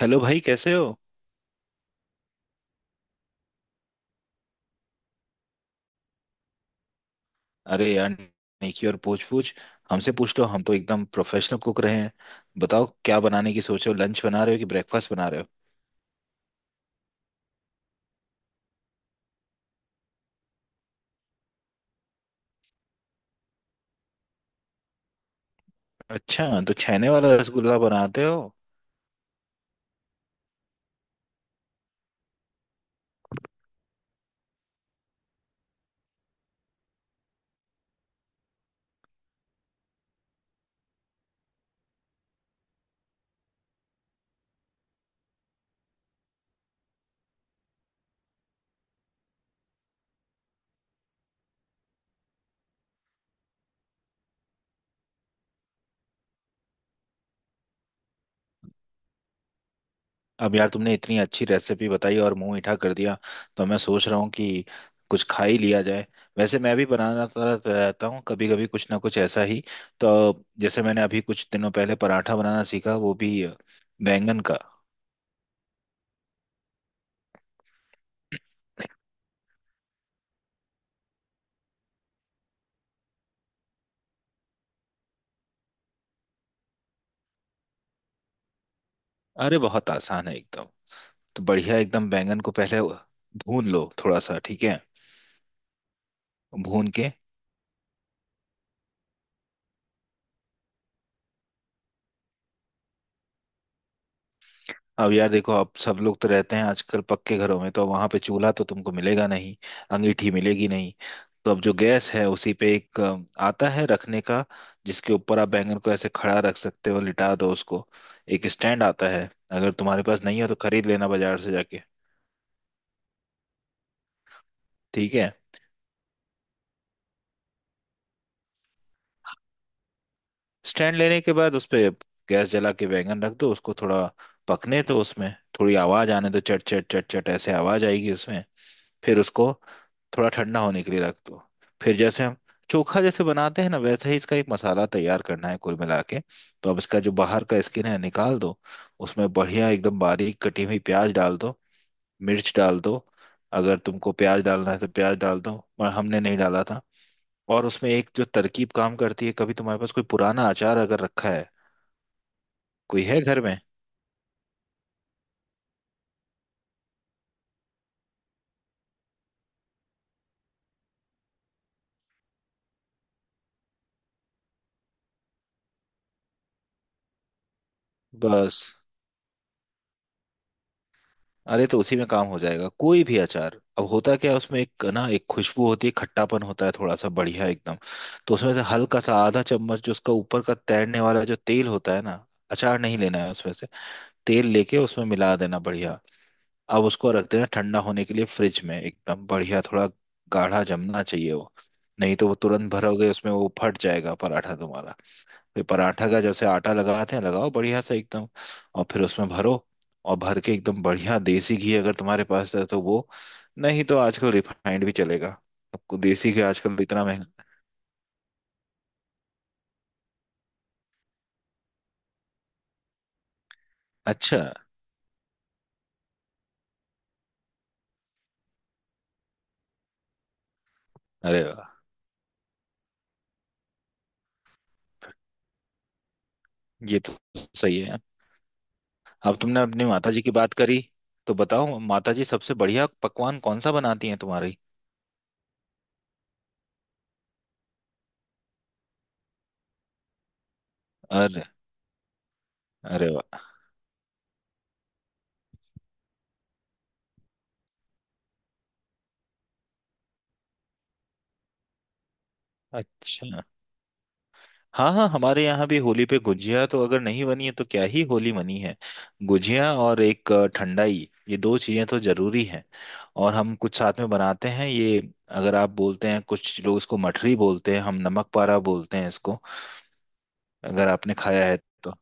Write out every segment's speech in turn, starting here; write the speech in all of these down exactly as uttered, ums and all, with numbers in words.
Hello भाई, कैसे हो। अरे यार, नेकी और पूछ पूछ। हमसे पूछ लो, हम तो एकदम प्रोफेशनल कुक रहे हैं। बताओ क्या बनाने की सोचो, लंच बना रहे हो कि ब्रेकफास्ट बना रहे हो। अच्छा, तो छेने वाला रसगुल्ला बनाते हो। अब यार तुमने इतनी अच्छी रेसिपी बताई और मुंह मीठा कर दिया, तो मैं सोच रहा हूँ कि कुछ खा ही लिया जाए। वैसे मैं भी बनाना तो रहता हूँ, कभी कभी कुछ ना कुछ ऐसा ही। तो जैसे मैंने अभी कुछ दिनों पहले पराठा बनाना सीखा, वो भी बैंगन का। अरे बहुत आसान है एकदम। तो बढ़िया एकदम, बैंगन को पहले भून लो थोड़ा सा, ठीक है। भून के, अब यार देखो, अब सब लोग तो रहते हैं आजकल पक्के घरों में, तो वहां पे चूल्हा तो तुमको मिलेगा नहीं, अंगीठी मिलेगी नहीं। तो अब जो गैस है, उसी पे एक अ, आता है रखने का, जिसके ऊपर आप बैंगन को ऐसे खड़ा रख सकते हो, लिटा दो उसको। एक स्टैंड आता है, अगर तुम्हारे पास नहीं हो तो खरीद लेना बाजार से जाके। ठीक है, स्टैंड लेने के बाद उस पे गैस जला के बैंगन रख दो, उसको थोड़ा पकने दो उसमें। थोड़ी आवाज आने दो, चट चट चट चट ऐसे आवाज आएगी उसमें। फिर उसको थोड़ा ठंडा होने के लिए रख दो। फिर जैसे हम चोखा जैसे बनाते हैं ना, वैसे ही इसका एक मसाला तैयार करना है कुल मिला के। तो अब इसका जो बाहर का स्किन है निकाल दो। उसमें बढ़िया एकदम बारीक कटी हुई प्याज डाल दो, मिर्च डाल दो। अगर तुमको प्याज डालना है तो प्याज डाल दो, पर हमने नहीं डाला था। और उसमें एक जो तरकीब काम करती है, कभी तुम्हारे पास कोई पुराना अचार अगर रखा है, कोई है घर में। बस, अरे तो उसी में काम हो जाएगा। कोई भी अचार, अब होता क्या है उसमें, एक ना एक खुशबू होती है, खट्टापन होता है थोड़ा सा, बढ़िया एकदम। तो उसमें से हल्का सा आधा चम्मच, जो उसका ऊपर का तैरने वाला जो तेल होता है ना, अचार नहीं लेना है उसमें से, तेल लेके उसमें मिला देना बढ़िया। अब उसको रख देना ठंडा होने के लिए फ्रिज में एकदम बढ़िया, थोड़ा गाढ़ा जमना चाहिए वो। नहीं तो वो तुरंत भरोगे उसमें, वो फट जाएगा पराठा तुम्हारा। फिर पराठा का जैसे आटा लगाते हैं लगाओ बढ़िया से एकदम, और फिर उसमें भरो। और भर के एकदम बढ़िया देसी घी अगर तुम्हारे पास है तो वो, नहीं तो आजकल रिफाइंड भी चलेगा। आपको देसी घी आजकल इतना महंगा। अच्छा, अरे वाह, ये तो सही है। अब तुमने अपनी माता जी की बात करी, तो बताओ माता जी सबसे बढ़िया पकवान कौन सा बनाती हैं तुम्हारी। अरे। अरे वाह। अच्छा। हाँ हाँ, हमारे यहाँ भी होली पे गुजिया तो अगर नहीं बनी है तो क्या ही होली बनी है। गुजिया और एक अ, ठंडाई, ये दो चीजें तो जरूरी हैं। और हम कुछ साथ में बनाते हैं ये, अगर आप बोलते हैं, कुछ लोग इसको मठरी बोलते हैं, हम नमक पारा बोलते हैं इसको। अगर आपने खाया है तो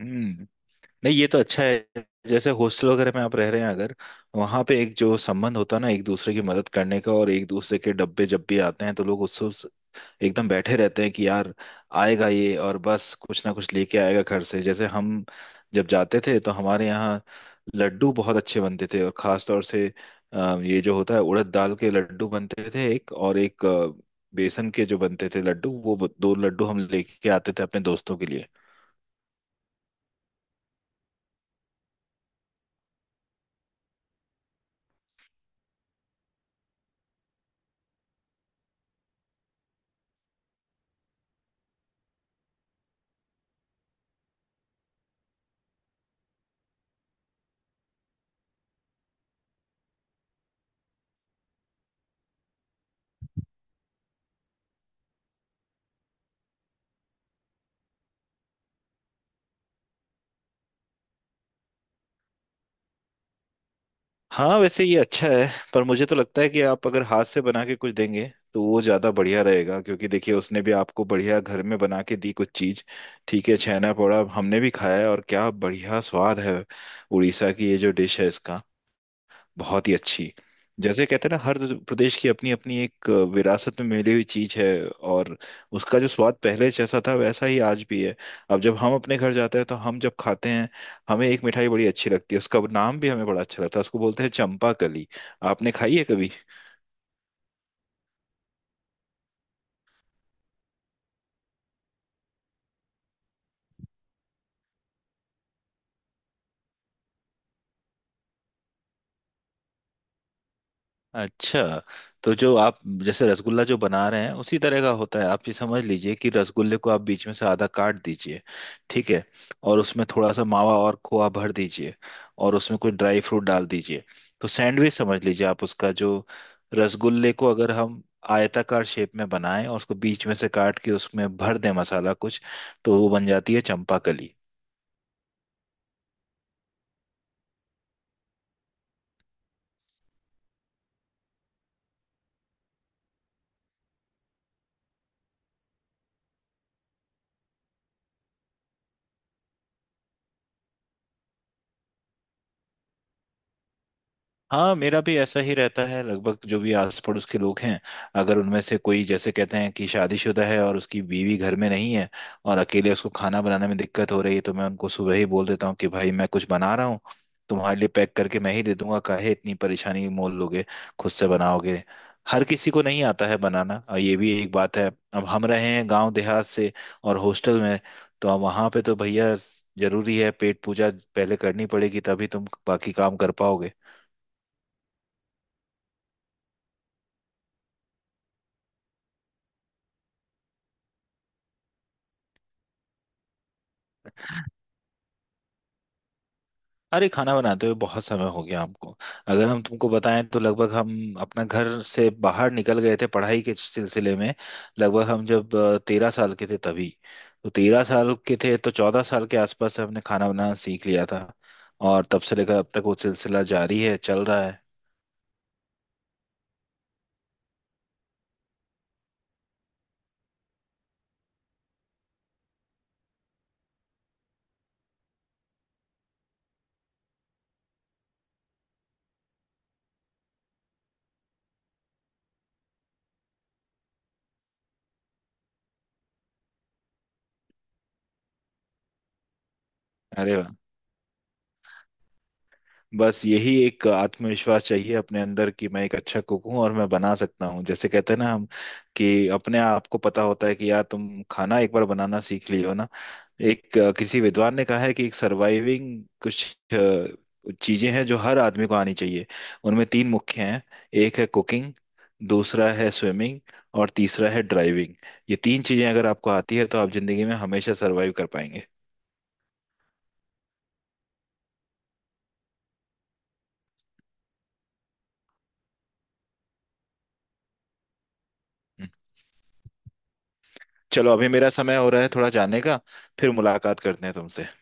हम्म नहीं, ये तो अच्छा है, जैसे हॉस्टल वगैरह में आप रह रहे हैं अगर, वहां पे एक जो संबंध होता है ना एक दूसरे की मदद करने का, और एक दूसरे के डब्बे जब भी आते हैं तो लोग उससे एकदम बैठे रहते हैं कि यार आएगा ये, और बस कुछ ना कुछ लेके आएगा घर से। जैसे हम जब जाते थे तो हमारे यहाँ लड्डू बहुत अच्छे बनते थे, और खास तौर से अ, ये जो होता है उड़द दाल के लड्डू बनते थे, एक और एक अ, बेसन के जो बनते थे लड्डू, वो ब- दो लड्डू हम लेके आते थे अपने दोस्तों के लिए। हाँ वैसे ये अच्छा है, पर मुझे तो लगता है कि आप अगर हाथ से बना के कुछ देंगे तो वो ज्यादा बढ़िया रहेगा, क्योंकि देखिए उसने भी आपको बढ़िया घर में बना के दी कुछ चीज। ठीक है, छैना पोड़ा हमने भी खाया है और क्या बढ़िया स्वाद है, उड़ीसा की ये जो डिश है इसका, बहुत ही अच्छी। जैसे कहते हैं ना, हर प्रदेश की अपनी अपनी एक विरासत में मिली हुई चीज है, और उसका जो स्वाद पहले जैसा था वैसा ही आज भी है। अब जब हम अपने घर जाते हैं तो हम जब खाते हैं, हमें एक मिठाई बड़ी अच्छी लगती है, उसका नाम भी हमें बड़ा अच्छा लगता है, उसको बोलते हैं चंपा कली। आपने खाई है कभी। अच्छा, तो जो आप जैसे रसगुल्ला जो बना रहे हैं उसी तरह का होता है। आप ये समझ लीजिए कि रसगुल्ले को आप बीच में से आधा काट दीजिए, ठीक है, और उसमें थोड़ा सा मावा और खोआ भर दीजिए। और उसमें कोई ड्राई फ्रूट डाल दीजिए। तो सैंडविच समझ लीजिए आप उसका जो, रसगुल्ले को अगर हम आयताकार शेप में बनाएं और उसको बीच में से काट के उसमें भर दें मसाला कुछ, तो वो बन जाती है चंपाकली। हाँ, मेरा भी ऐसा ही रहता है, लगभग जो भी आस पड़ोस के लोग हैं, अगर उनमें से कोई जैसे कहते हैं कि शादीशुदा है और उसकी बीवी घर में नहीं है, और अकेले उसको खाना बनाने में दिक्कत हो रही है, तो मैं उनको सुबह ही बोल देता हूँ कि भाई मैं कुछ बना रहा हूँ, तुम्हारे लिए पैक करके मैं ही दे दूंगा, काहे इतनी परेशानी मोल लोगे, खुद से बनाओगे। हर किसी को नहीं आता है बनाना, और ये भी एक बात है। अब हम रहे हैं गांव देहात से और हॉस्टल में, तो अब वहां पे तो भैया जरूरी है पेट पूजा पहले करनी पड़ेगी, तभी तुम बाकी काम कर पाओगे। अरे खाना बनाते हुए बहुत समय हो गया हमको। अगर हम तुमको बताएं तो लगभग हम अपना घर से बाहर निकल गए थे पढ़ाई के सिलसिले में, लगभग हम जब तेरह साल के थे तभी। तो तेरह साल के थे तो चौदह साल के आसपास हमने खाना बनाना सीख लिया था, और तब से लेकर अब तक वो सिलसिला जारी है, चल रहा है। अरे वाह, बस यही एक आत्मविश्वास चाहिए अपने अंदर कि मैं एक अच्छा कुक हूँ और मैं बना सकता हूँ। जैसे कहते हैं ना हम, कि अपने आप को पता होता है कि यार तुम खाना एक बार बनाना सीख लियो ना। एक अ, किसी विद्वान ने कहा है कि एक सर्वाइविंग कुछ अ, चीजें हैं जो हर आदमी को आनी चाहिए। उनमें तीन मुख्य हैं। एक है कुकिंग, दूसरा है स्विमिंग, और तीसरा है ड्राइविंग। ये तीन चीजें अगर आपको आती है तो आप जिंदगी में हमेशा सर्वाइव कर पाएंगे। हम्म, चलो अभी मेरा समय हो रहा है थोड़ा जाने का, फिर मुलाकात करते हैं तुमसे।